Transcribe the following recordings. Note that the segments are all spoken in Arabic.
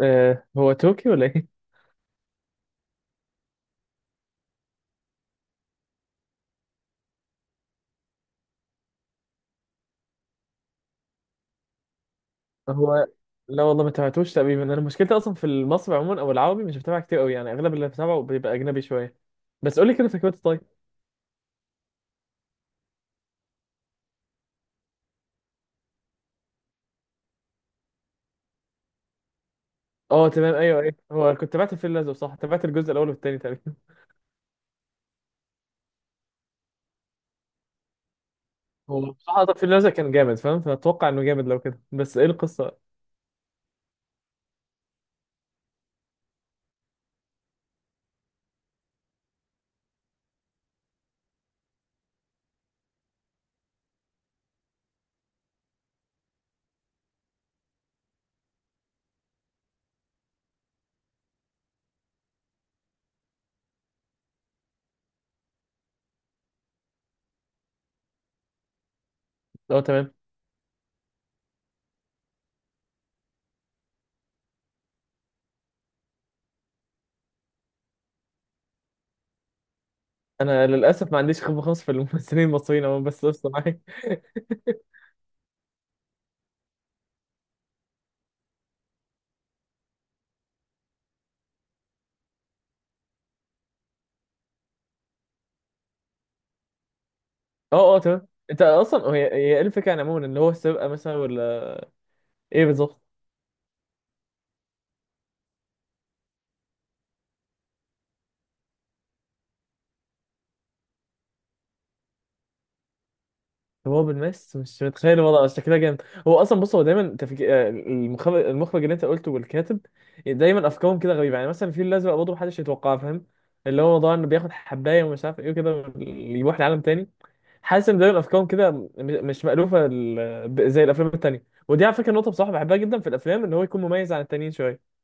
هو تركي ولا ايه؟ هو لا والله ما تابعتوش تقريبا. انا مشكلتي اصلا في المصري عموما او العربي، مش بتابع كتير قوي يعني. اغلب اللي بتابعه بيبقى اجنبي شويه. بس قول لي كده فكرته طيب. اه تمام، ايوه ايوه. هو كنت تابعت الفيل الازرق، صح؟ تابعت الجزء الاول والثاني تقريبا. هو بصراحه، طب الفيل الازرق كان جامد فاهم، فاتوقع انه جامد لو كده. بس ايه القصه؟ اه تمام. انا للاسف ما عنديش خبره خالص في الممثلين المصريين عموما، بس قصه معايا. اه اه تمام. انت اصلا هي ايه الفكره يعني عموما، اللي هو السرقه مثلا ولا ايه؟ بالظبط. هو بالمس مش متخيل الوضع، بس شكلها جامد. هو اصلا بص، هو دايما تفك... آه، المخرج اللي انت قلته والكاتب، دايما افكارهم كده غريبه. يعني مثلا الفيل الازرق برضه محدش يتوقعها فاهم، اللي هو موضوع انه بياخد حبايه ومش عارف ايه وكده، يروح لعالم تاني. حاسس ان دايما افكارهم كده مش مألوفه، زي الافلام التانيه. ودي على فكره نقطه بصراحه بحبها جدا في الافلام، ان هو يكون مميز عن التانيين شويه.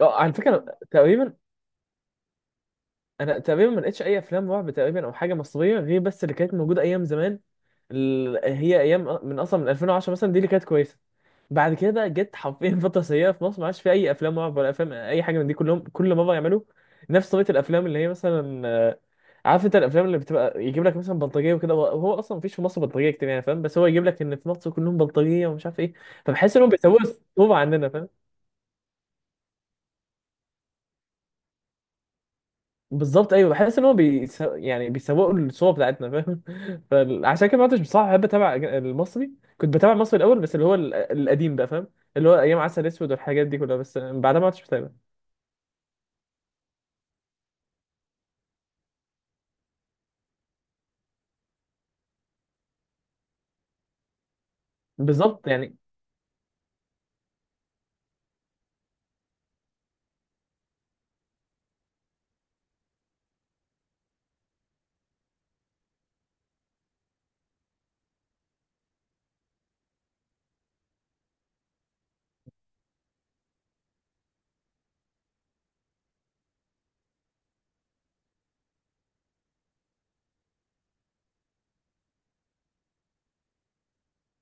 اه، على فكره تقريبا انا تقريبا ما لقيتش اي افلام رعب تقريبا او حاجه مصريه، غير بس اللي كانت موجوده ايام زمان. هي ايام من اصلا من 2010 مثلا، دي اللي كانت كويسه. بعد كده بقى جت حرفيا فتره سيئه في مصر. ما عادش في اي افلام رعب ولا افلام اي حاجه من دي. كلهم كل مره يعملوا نفس طريقه الافلام اللي هي مثلا، عارف انت الافلام اللي بتبقى يجيب لك مثلا بلطجيه وكده. وهو اصلا مفيش في مصر بلطجيه كتير يعني فاهم، بس هو يجيب لك ان في مصر كلهم بلطجيه ومش عارف ايه. فبحس انهم بيسووا الصوره عننا. بالظبط ايوه، بحس ان هو يعني بيسوقوا الصوره بتاعتنا فاهم. فعشان كده ما عدتش بصراحه بحب اتابع المصري. كنت بتابع المصري الاول، بس اللي هو القديم بقى فاهم، اللي هو ايام عسل اسود والحاجات دي كلها. بس بعدها ما عدتش بتابع. بالظبط يعني.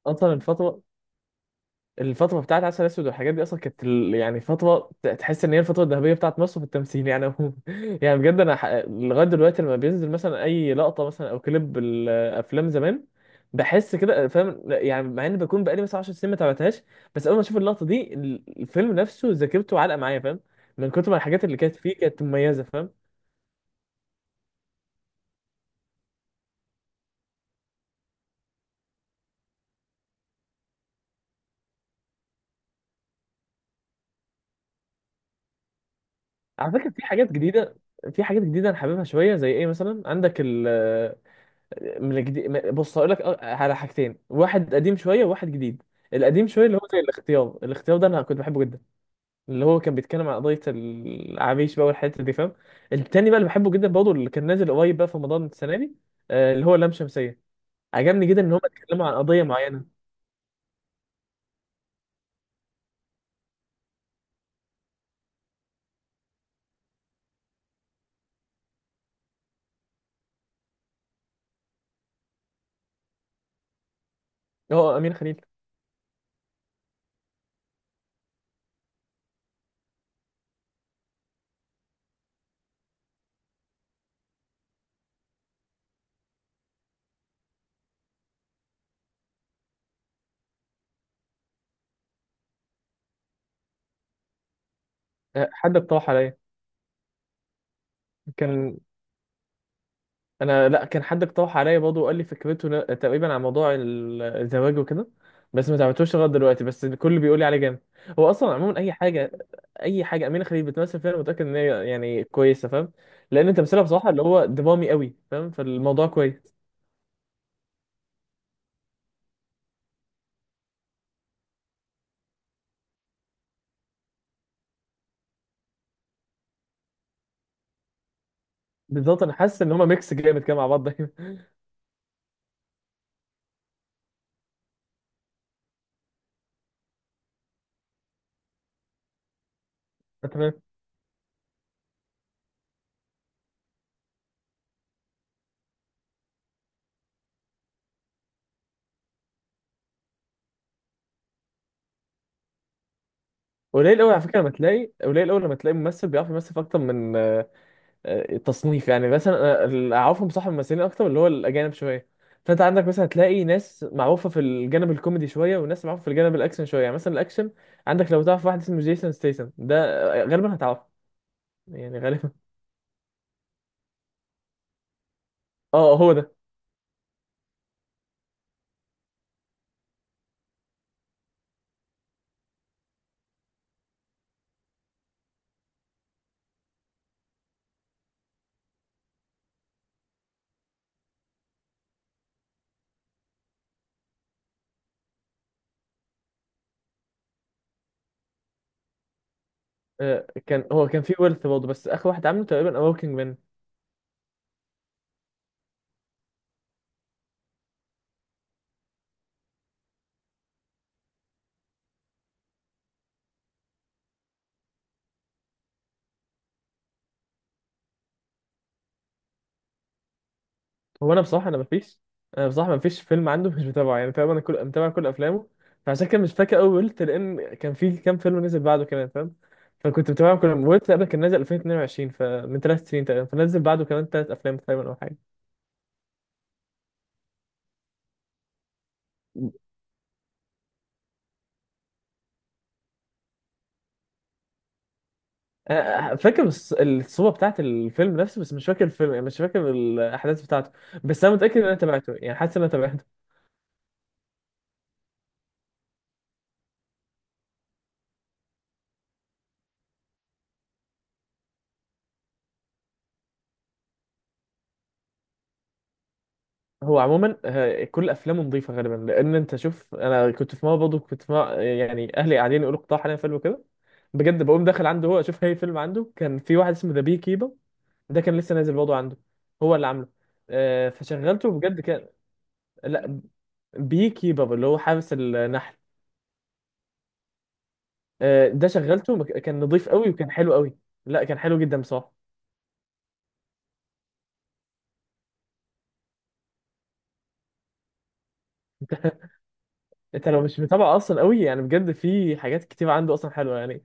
اصلا الفترة بتاعت عسل أسود والحاجات دي أصلا كانت يعني فترة تحس إن هي الفترة الذهبية بتاعت مصر في التمثيل يعني عموما. يعني بجد أنا لغاية دلوقتي لما بينزل مثلا أي لقطة مثلا أو كليب الأفلام زمان، بحس كده فاهم يعني، مع إن بكون بقالي مثلا 10 سنين ما تابعتهاش. بس أول ما أشوف اللقطة دي، الفيلم نفسه ذاكرته علقة معايا فاهم، من كتر ما الحاجات اللي كانت فيه كانت مميزة فاهم. على فكرة في حاجات جديدة أنا حاببها شوية. زي إيه مثلا عندك من الجديد؟ بص هقول لك على حاجتين: واحد قديم شويه وواحد جديد. القديم شويه اللي هو زي الاختيار ده انا كنت بحبه جدا، اللي هو كان بيتكلم عن قضيه العريش بقى والحته دي فاهم. التاني بقى اللي بحبه جدا برضه، اللي كان نازل قريب بقى في رمضان السنه دي، اللي هو لام شمسيه. عجبني جدا ان هم اتكلموا عن قضيه معينه. هو امين خليل. حد اقترح عليا كان. انا، لا، كان حد اقترح عليا برضه وقال لي فكرته، تقريبا عن موضوع الزواج وكده. بس ما تعبتوش لغايه دلوقتي، بس الكل بيقول لي عليه جامد. هو اصلا عموما اي حاجه امينه خليل بتمثل فيها، انا متاكد ان هي يعني كويسه فاهم، لان تمثيلها بصراحه اللي هو درامي قوي فاهم. فالموضوع كويس. بالظبط. انا حاسس ان هما ميكس جامد كده مع بعض دايما. تمام. قليل قوي على فكره لما تلاقي، قليل قوي لما تلاقي ممثل بيعرف يمثل في اكتر من تصنيف يعني. مثلا أنا اللي اعرفهم صح ممثلين اكتر، اللي هو الاجانب شويه. فانت عندك مثلا هتلاقي ناس معروفه في الجانب الكوميدي شويه، وناس معروفه في الجانب الاكشن شويه. يعني مثلا الاكشن عندك، لو تعرف واحد اسمه جيسون ستيسن ده، غالبا هتعرفه، يعني غالبا. اه هو ده. هو كان في ويلث برضه، بس اخر واحد عامله تقريبا اوركينج مان. هو انا بصراحه مفيش فيلم عنده مش متابعه. يعني تقريبا انا كل متابع كل افلامه. فعشان كده مش فاكر قوي ويلث، لان كان في كام فيلم نزل بعده كمان فاهم. فكنت متابعهم كلهم. ويلث قبل كان نازل 2022، فمن 3 سنين تقريبا، فنزل بعده كمان 3 افلام تقريبا او حاجه. أنا فاكر الصورة بتاعت الفيلم نفسه، بس مش فاكر الفيلم. يعني مش فاكر الأحداث بتاعته، بس أنا متأكد إن أنا تابعته. يعني حاسس إن أنا تابعته. هو عموما كل افلامه نظيفه غالبا، لان انت شوف، انا كنت في مره برضه، يعني اهلي قاعدين يقولوا اقترح علينا فيلم كده بجد، بقوم داخل عنده هو اشوف اي فيلم عنده. كان في واحد اسمه ذا بي كيبر، ده كان لسه نازل برضه عنده، هو اللي عامله. فشغلته بجد كان... لا، بي كيبر اللي هو حارس النحل. ده شغلته كان نظيف قوي وكان حلو قوي. لا كان حلو جدا بصراحه. انت لو مش متابع اصلا قوي، يعني بجد في حاجات كتير عنده اصلا حلوه يعني.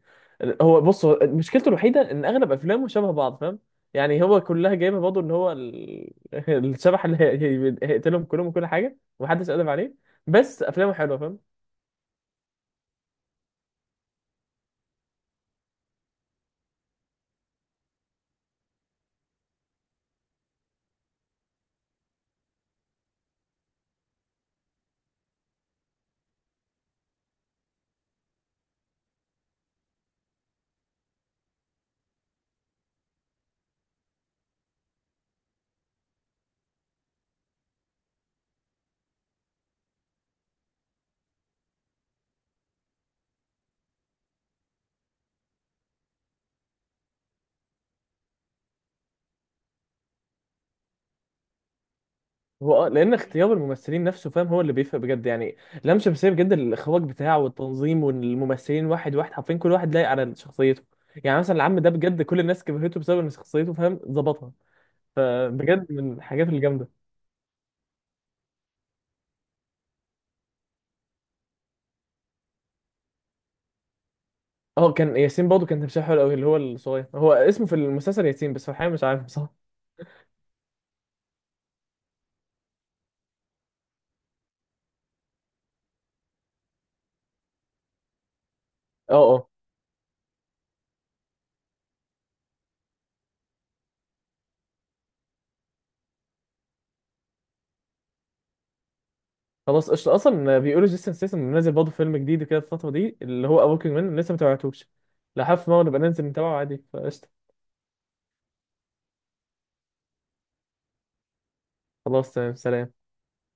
هو بص، هو مشكلته الوحيده ان اغلب افلامه شبه بعض فاهم. يعني هو كلها جايبها برضه، ان هو الشبح اللي هيقتلهم كلهم وكل حاجه ومحدش قادر عليه. بس افلامه حلوه فاهم. هو اه، لان اختيار الممثلين نفسه فاهم هو اللي بيفرق بجد يعني. لام شمسية بجد الاخراج بتاعه والتنظيم والممثلين، واحد واحد حرفيا كل واحد لايق على شخصيته. يعني مثلا العم ده بجد كل الناس كرهته بسبب ان شخصيته فاهم ظبطها، فبجد من الحاجات الجامده. اه كان ياسين برضه، كان تمثيله حلو قوي، اللي هو الصغير. هو اسمه في المسلسل ياسين، بس في الحقيقه مش عارف بصراحه. اه اه. خلاص قشطة. اصلا بيقولوا جيسون ستاثام منزل برضه فيلم جديد كده الفتره دي، اللي هو وركينج مان، لسه ما تابعتوش. لا حف ما نبقى ننزل نتابعه عادي، فقشطه. خلاص تمام، سلام.